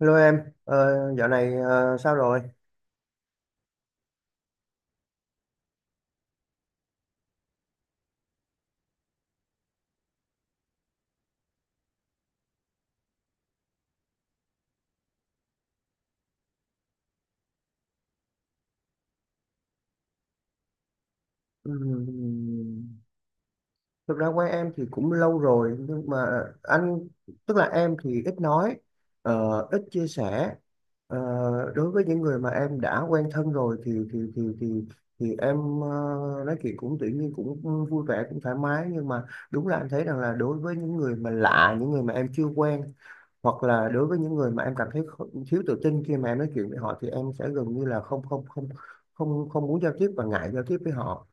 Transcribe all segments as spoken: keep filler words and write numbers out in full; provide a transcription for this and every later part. Hello em, ờ, dạo này ờ, sao rồi? Ừm, Thực ra quen em thì cũng lâu rồi nhưng mà anh tức là em thì ít nói, ờ, ít chia sẻ. Ờ, Đối với những người mà em đã quen thân rồi thì thì thì thì thì em ờ, nói chuyện cũng tự nhiên cũng vui vẻ cũng thoải mái, nhưng mà đúng là anh thấy rằng là đối với những người mà lạ, những người mà em chưa quen, hoặc là đối với những người mà em cảm thấy kh- thiếu tự tin khi mà em nói chuyện với họ, thì em sẽ gần như là không không không không không muốn giao tiếp và ngại giao tiếp với họ.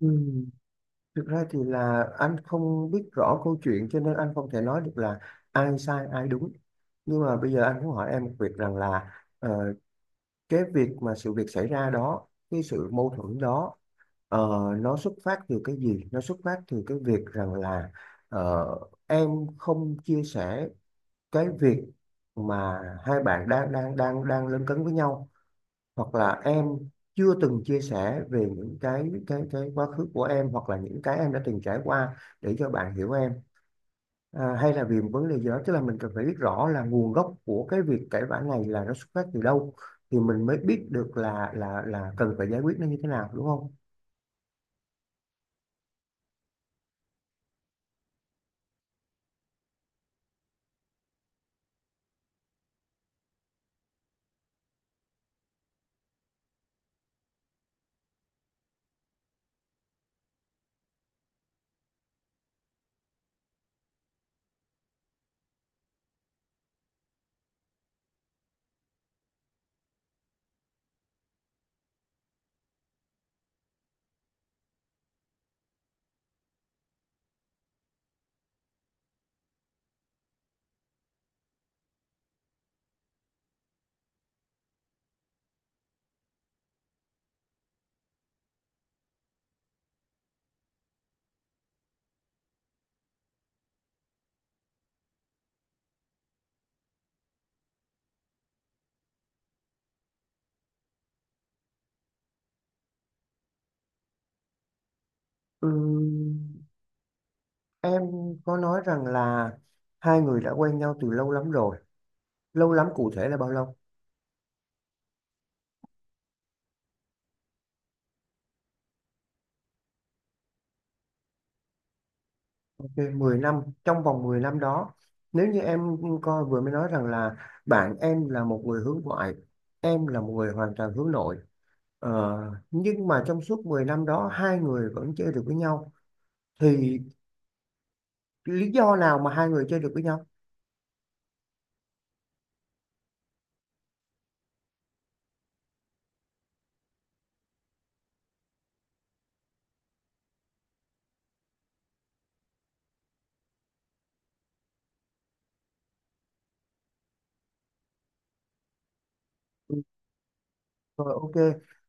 Ừ. Thực ra thì là anh không biết rõ câu chuyện cho nên anh không thể nói được là ai sai ai đúng, nhưng mà bây giờ anh muốn hỏi em một việc rằng là ờ, cái việc mà sự việc xảy ra đó, cái sự mâu thuẫn đó, ờ, nó xuất phát từ cái gì, nó xuất phát từ cái việc rằng là ờ, em không chia sẻ cái việc mà hai bạn đang đang đang đang lấn cấn với nhau, hoặc là em chưa từng chia sẻ về những cái cái cái quá khứ của em hoặc là những cái em đã từng trải qua để cho bạn hiểu em, à, hay là vì một vấn đề gì đó, tức là mình cần phải biết rõ là nguồn gốc của cái việc cãi vã này là nó xuất phát từ đâu thì mình mới biết được là là là cần phải giải quyết nó như thế nào, đúng không? Ừm, em có nói rằng là hai người đã quen nhau từ lâu lắm rồi, lâu lắm cụ thể là bao lâu? Thì mười năm, trong vòng mười năm đó, nếu như em coi vừa mới nói rằng là bạn em là một người hướng ngoại, em là một người hoàn toàn hướng nội. Ờ, nhưng mà trong suốt mười năm đó hai người vẫn chơi được với nhau, thì lý do nào mà hai người chơi được với nhau? Ừ. Ờ, ok,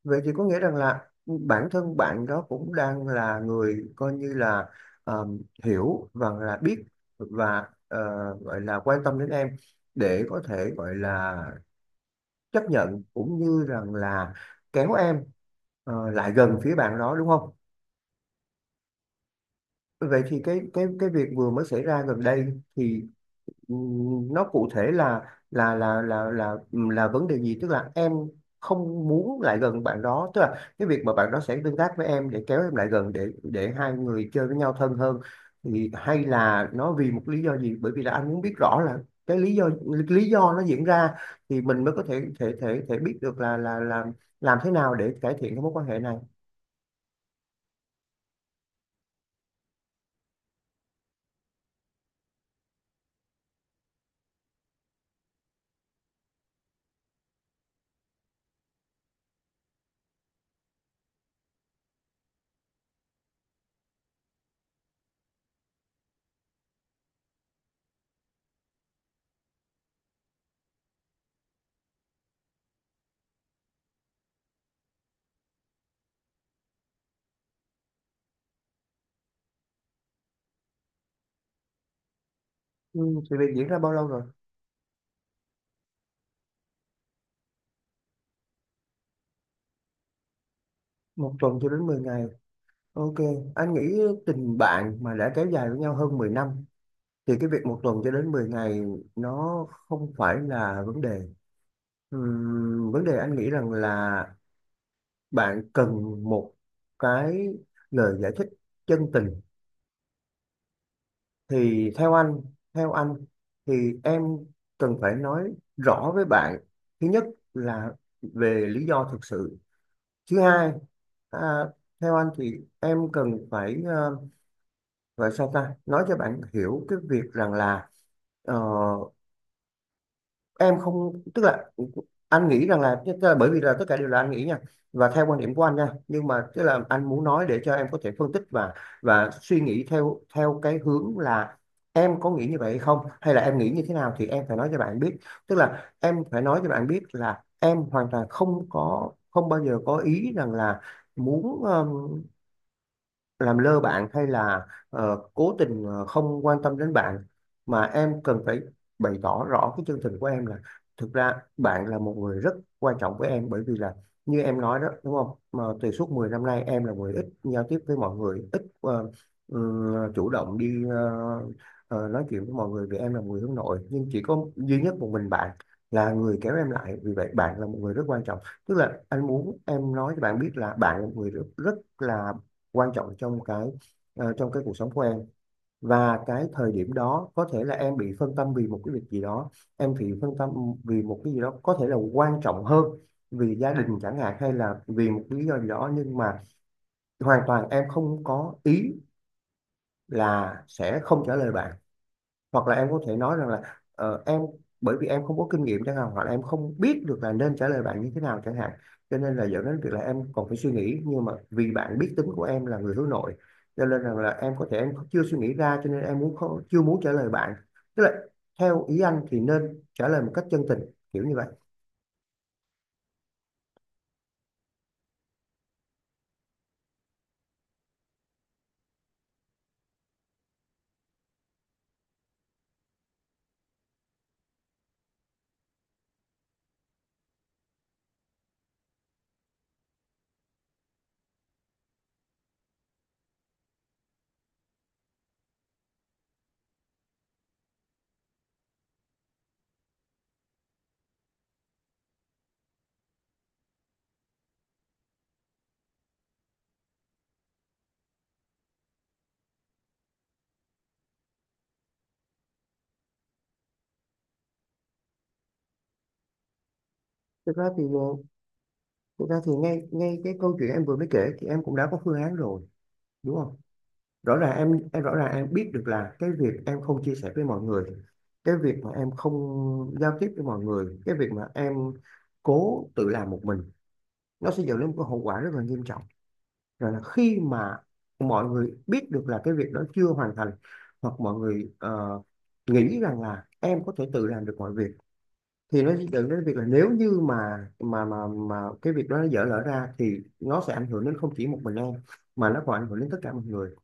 vậy thì có nghĩa rằng là bản thân bạn đó cũng đang là người coi như là ờ, hiểu và là biết và ờ, gọi là quan tâm đến em để có thể gọi là chấp nhận, cũng như rằng là kéo em ờ, lại gần phía bạn đó, đúng không? Vậy thì cái cái cái việc vừa mới xảy ra gần đây, thì nó cụ thể là là là là là là vấn đề gì, tức là em không muốn lại gần bạn đó, tức là cái việc mà bạn đó sẽ tương tác với em để kéo em lại gần, để để hai người chơi với nhau thân hơn, thì hay là nó vì một lý do gì? Bởi vì là anh muốn biết rõ là cái lý do, lý do nó diễn ra thì mình mới có thể thể thể thể biết được là là làm làm thế nào để cải thiện cái mối quan hệ này. Ừ, thì việc diễn ra bao lâu rồi? Một tuần cho đến mười ngày. Ok, anh nghĩ tình bạn mà đã kéo dài với nhau hơn mười năm thì cái việc một tuần cho đến mười ngày nó không phải là vấn đề. Ừm, vấn đề anh nghĩ rằng là bạn cần một cái lời giải thích chân tình. Thì theo anh, theo anh thì em cần phải nói rõ với bạn. Thứ nhất là về lý do thực sự. Thứ hai, à, theo anh thì em cần phải ờ, gọi sao ta, nói cho bạn hiểu cái việc rằng là ờ, em không, tức là anh nghĩ rằng là, tức là bởi vì là tất cả đều là anh nghĩ nha, và theo quan điểm của anh nha, nhưng mà tức là anh muốn nói để cho em có thể phân tích và và suy nghĩ theo theo cái hướng là em có nghĩ như vậy hay không, hay là em nghĩ như thế nào, thì em phải nói cho bạn biết. Tức là em phải nói cho bạn biết là em hoàn toàn không có, không bao giờ có ý rằng là muốn làm lơ bạn hay là ờ, cố tình ờ, không quan tâm đến bạn, mà em cần phải bày tỏ rõ cái chân tình của em, là thực ra bạn là một người rất quan trọng với em, bởi vì là như em nói đó, đúng không, mà từ suốt mười năm nay em là người ít giao tiếp với mọi người, ít ờ, ừm, chủ động đi ờ, ờ, nói chuyện với mọi người, vì em là người hướng nội, nhưng chỉ có duy nhất một mình bạn là người kéo em lại, vì vậy bạn là một người rất quan trọng. Tức là anh muốn em nói cho bạn biết là bạn là một người rất, rất là quan trọng trong cái, ờ, trong cái cuộc sống của em, và cái thời điểm đó có thể là em bị phân tâm vì một cái việc gì đó, em bị phân tâm vì một cái gì đó có thể là quan trọng hơn, vì gia đình chẳng hạn, hay là vì một lý do gì đó, nhưng mà hoàn toàn em không có ý là sẽ không trả lời bạn, hoặc là em có thể nói rằng là ờ, em bởi vì em không có kinh nghiệm chẳng hạn, hoặc là em không biết được là nên trả lời bạn như thế nào chẳng hạn, cho nên là dẫn đến việc là em còn phải suy nghĩ, nhưng mà vì bạn biết tính của em là người hướng nội, cho nên rằng là em có thể em chưa suy nghĩ ra, cho nên em muốn không, chưa muốn trả lời bạn. Tức là theo ý anh thì nên trả lời một cách chân tình, kiểu như vậy. thực ra thì ờ, Thực ra thì ngay ngay cái câu chuyện em vừa mới kể thì em cũng đã có phương án rồi, đúng không? Rõ ràng em em rõ ràng em biết được là cái việc em không chia sẻ với mọi người, cái việc mà em không giao tiếp với mọi người, cái việc mà em cố tự làm một mình, nó sẽ dẫn đến một cái hậu quả rất là nghiêm trọng. Rồi là khi mà mọi người biết được là cái việc đó chưa hoàn thành, hoặc mọi người ờ, nghĩ rằng là em có thể tự làm được mọi việc, thì nó sẽ dẫn đến việc là nếu như mà mà mà mà cái việc đó nó dở lỡ ra thì nó sẽ ảnh hưởng đến không chỉ một mình em, mà nó còn ảnh hưởng đến tất cả mọi người.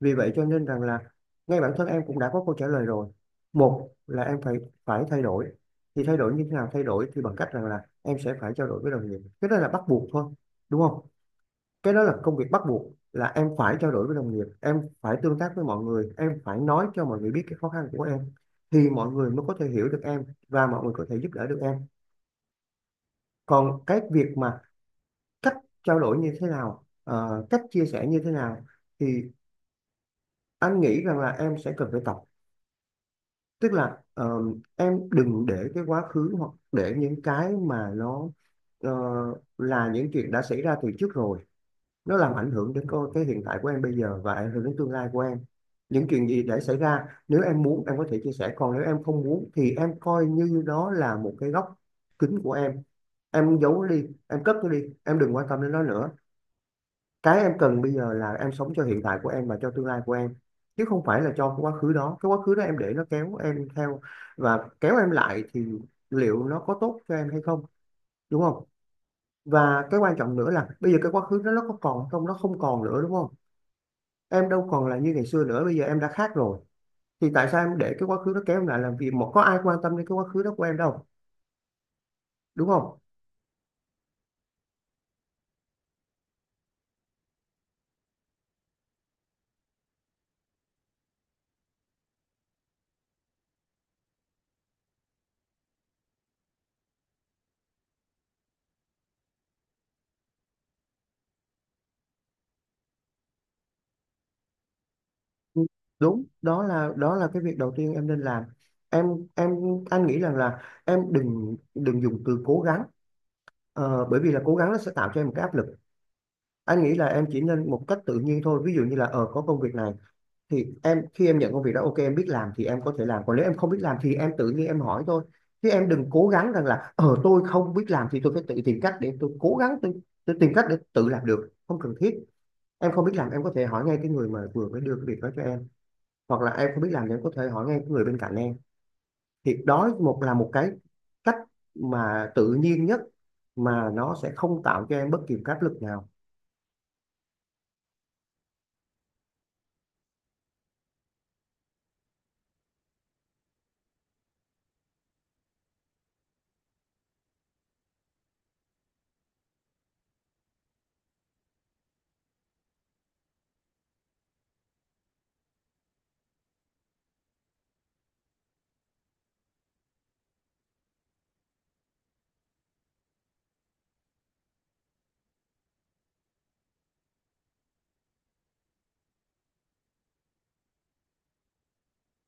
Vì vậy cho nên rằng là ngay bản thân em cũng đã có câu trả lời rồi. Một là em phải phải thay đổi. Thì thay đổi như thế nào? Thay đổi thì bằng cách rằng là em sẽ phải trao đổi với đồng nghiệp. Cái đó là bắt buộc thôi, đúng không? Cái đó là công việc bắt buộc, là em phải trao đổi với đồng nghiệp, em phải tương tác với mọi người, em phải nói cho mọi người biết cái khó khăn của em thì mọi người mới có thể hiểu được em và mọi người có thể giúp đỡ được em. Còn cái việc mà cách trao đổi như thế nào, ờ, cách chia sẻ như thế nào, thì anh nghĩ rằng là em sẽ cần phải tập, tức là ờ, em đừng để cái quá khứ, hoặc để những cái mà nó ờ, là những chuyện đã xảy ra từ trước rồi, nó làm ảnh hưởng đến co- cái hiện tại của em bây giờ và ảnh hưởng đến tương lai của em. Những chuyện gì đã xảy ra, nếu em muốn em có thể chia sẻ, còn nếu em không muốn thì em coi như đó là một cái góc kính của em em giấu nó đi, em cất nó đi, em đừng quan tâm đến nó nữa. Cái em cần bây giờ là em sống cho hiện tại của em và cho tương lai của em, chứ không phải là cho cái quá khứ đó. Cái quá khứ đó em để nó kéo em theo và kéo em lại thì liệu nó có tốt cho em hay không, đúng không? Và cái quan trọng nữa là bây giờ cái quá khứ đó nó có còn không? Nó không còn nữa, đúng không? Em đâu còn là như ngày xưa nữa, bây giờ em đã khác rồi, thì tại sao em để cái quá khứ nó kéo em lại làm gì, mà có ai quan tâm đến cái quá khứ đó của em đâu, đúng không? Đúng, đó là đó là cái việc đầu tiên em nên làm. em em anh nghĩ rằng là em đừng đừng dùng từ cố gắng. Ờ, bởi vì là cố gắng nó sẽ tạo cho em một cái áp lực. Anh nghĩ là em chỉ nên một cách tự nhiên thôi. Ví dụ như là ờ có công việc này, thì em khi em nhận công việc đó, ok em biết làm thì em có thể làm, còn nếu em không biết làm thì em tự nhiên em hỏi thôi, chứ em đừng cố gắng rằng là ờ tôi không biết làm thì tôi phải tự tìm cách để tôi cố gắng, tôi, tôi tìm cách để tự làm được, không cần thiết. Em không biết làm em có thể hỏi ngay cái người mà vừa mới đưa cái việc đó cho em, hoặc là em không biết làm thì em có thể hỏi ngay cái người bên cạnh em. Thì đó một là một cái cách mà tự nhiên nhất, mà nó sẽ không tạo cho em bất kỳ áp lực nào.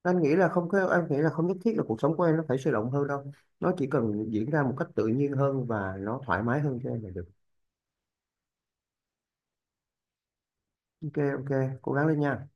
Anh nghĩ là không có, em nghĩ là không nhất thiết là cuộc sống của em nó phải sôi động hơn đâu, nó chỉ cần diễn ra một cách tự nhiên hơn và nó thoải mái hơn cho em là được. Ok, ok, cố gắng lên nha.